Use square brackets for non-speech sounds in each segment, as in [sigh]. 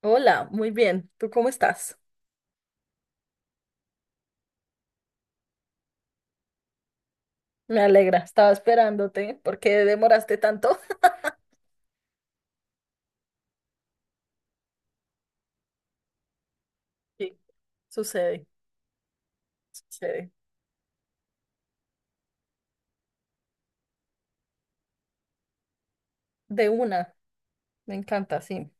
Hola, muy bien. ¿Tú cómo estás? Me alegra, estaba esperándote. ¿Por qué demoraste tanto? [laughs] Sí, sucede, sucede. De una, me encanta, sí.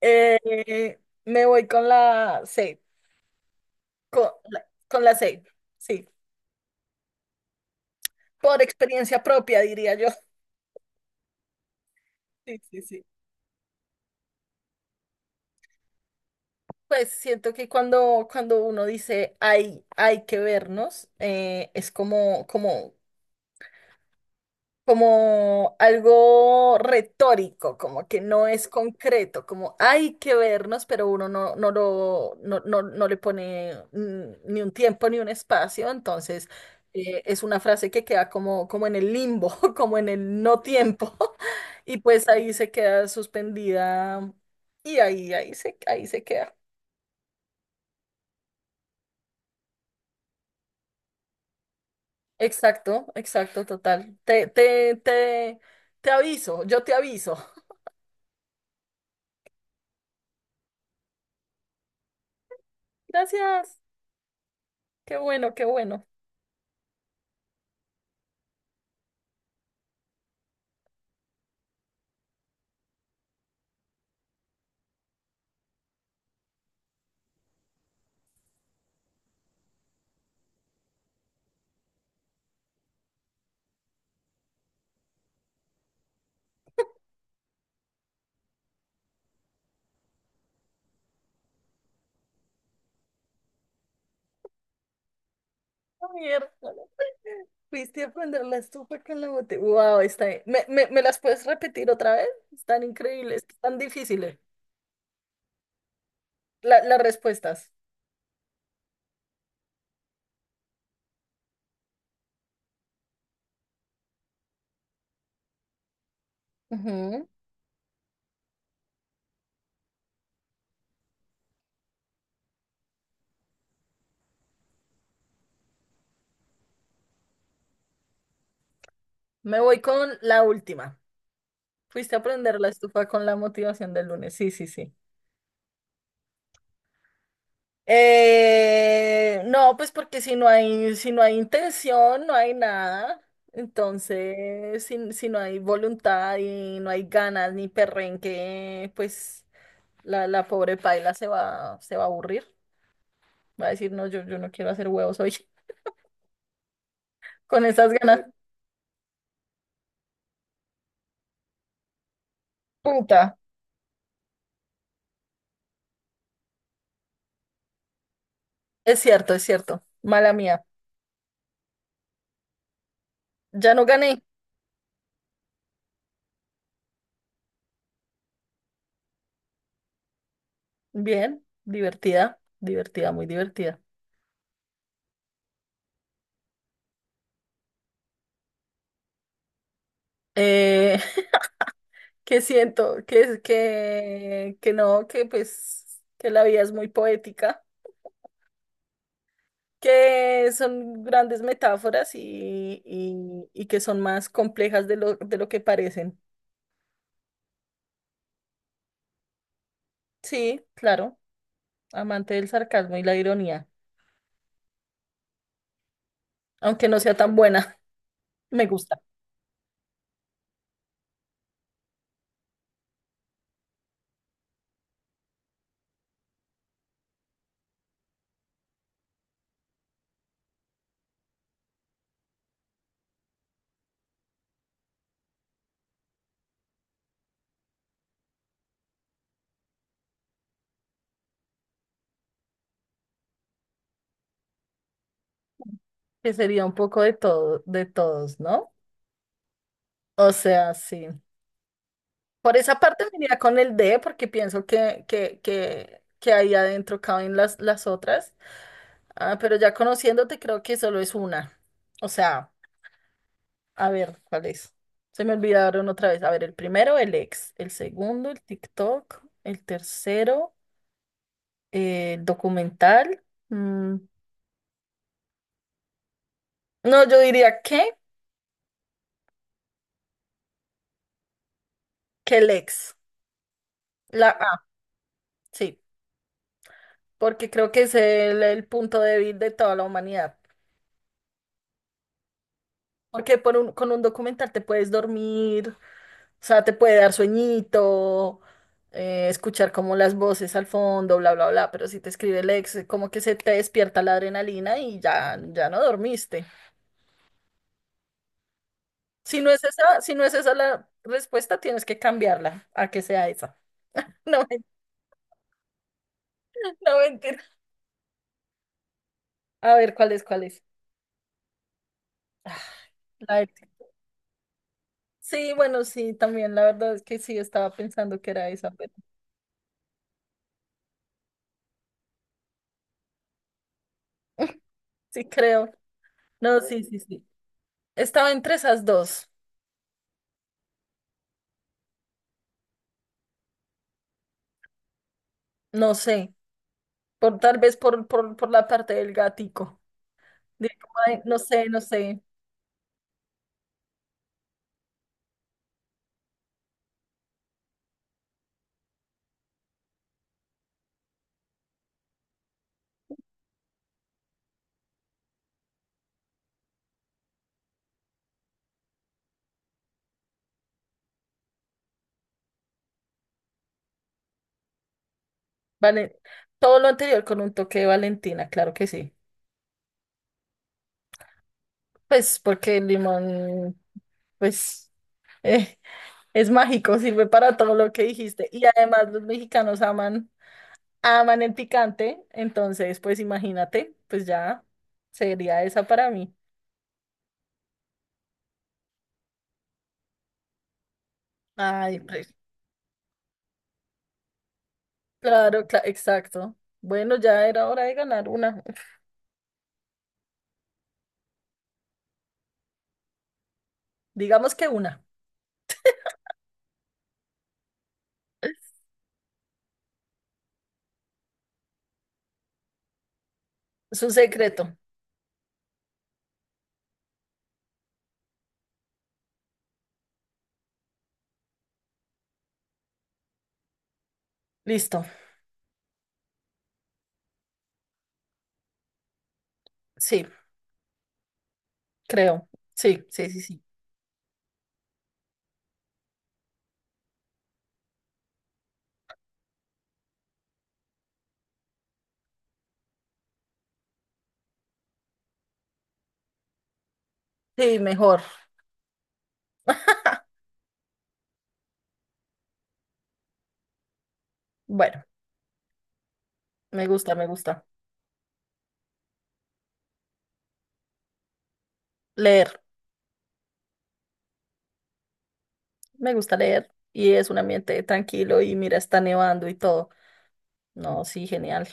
Eh, Me voy con la C, con la C, sí. Por experiencia propia, diría yo. Sí, sí, sí. Pues siento que cuando uno dice hay que vernos, es como como algo retórico, como que no es concreto, como hay que vernos, pero uno no, no lo, no, no, no le pone ni un tiempo ni un espacio, entonces es una frase que queda como, como en el limbo, [laughs] como en el no tiempo, [laughs] y pues ahí se queda suspendida y ahí se queda. Exacto, exacto, total. Te aviso, yo te aviso. Gracias, qué bueno, qué bueno. Miércoles, fuiste a prender la estufa con la botella. Wow, está bien. ¿Me las puedes repetir otra vez? Están increíbles, están difíciles. Las respuestas. Ujú. Me voy con la última. Fuiste a prender la estufa con la motivación del lunes. Sí, sí, sí. No, pues porque si no hay intención, no hay nada. Entonces, si no hay voluntad y no hay ganas ni perrenque, pues la pobre paila se va a aburrir. Va a decir, no, yo no quiero hacer huevos hoy [laughs] con esas ganas. Puta. Es cierto, es cierto. Mala mía. Ya no gané. Bien, divertida, divertida, muy divertida. Eh, [laughs] que siento que no, que pues que la vida es muy poética, que son grandes metáforas y que son más complejas de de lo que parecen. Sí, claro, amante del sarcasmo y la ironía, aunque no sea tan buena, [laughs] me gusta. Que sería un poco de todo, de todos, ¿no? O sea, sí. Por esa parte me iría con el D, porque pienso que ahí adentro caben las otras. Ah, pero ya conociéndote, creo que solo es una. O sea, a ver, ¿cuál es? Se me olvidaron otra vez. A ver, el primero, el ex. El segundo, el TikTok. El tercero, el documental. Mm, No, yo diría que el ex. La A, sí. Porque creo que es el punto débil de toda la humanidad. Porque con un documental te puedes dormir, o sea, te puede dar sueñito, escuchar como las voces al fondo, bla, bla, bla, pero si te escribe el ex, como que se te despierta la adrenalina y ya, ya no dormiste. Si no es esa la respuesta, tienes que cambiarla a que sea esa. [laughs] No, men- no mentira. A ver, ¿cuál es, cuál es? La del- Sí, bueno, sí, también la verdad es que sí estaba pensando que era esa, pero [laughs] sí creo. No, sí, sí, sí. Estaba entre esas dos. No sé. Por, tal vez por la parte del gatico. No sé, no sé. Vale. Todo lo anterior con un toque de Valentina, claro que sí. Pues porque el limón, pues, [laughs] eh, es mágico, sirve para todo lo que dijiste. Y además los mexicanos aman el picante. Entonces, pues imagínate, pues ya sería esa para mí. Ay, pues, exacto. Bueno, ya era hora de ganar una. Digamos que una. Es un secreto. Listo. Sí, creo. Sí, sí, sí, sí. Sí, mejor. [laughs] Bueno, me gusta, me gusta. Leer. Me gusta leer. Y es un ambiente tranquilo y mira, está nevando y todo. No, sí, genial.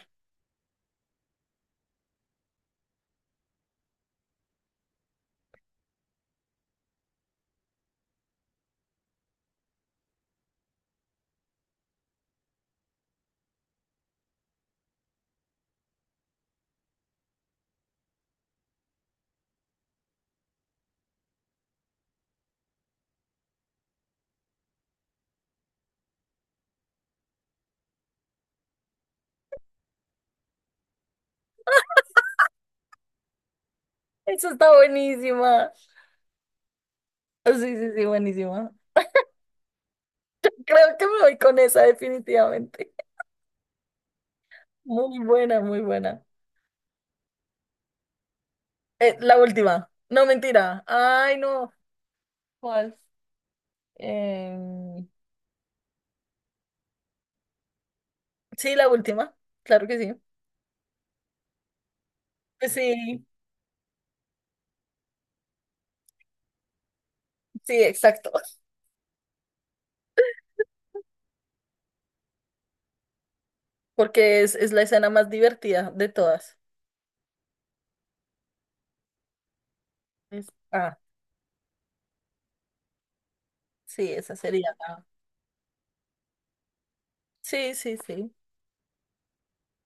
Eso está buenísima. Sí, sí, sí, buenísima. [laughs] Creo que me voy con esa definitivamente. Muy buena, muy buena. La última. No, mentira. Ay, no. ¿Cuál? Em, sí, la última. Claro que sí. Pues sí, sí, exacto. [laughs] Porque es la escena más divertida de todas. Es- ah, sí, esa sería. Sí, sí, sí.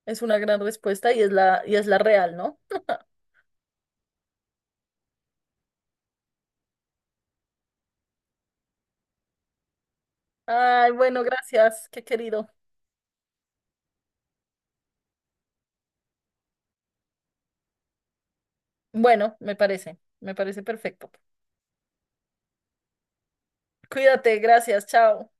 Es una gran respuesta y es la real, ¿no? Ay, bueno, gracias, qué querido. Bueno, me parece perfecto. Cuídate, gracias, chao.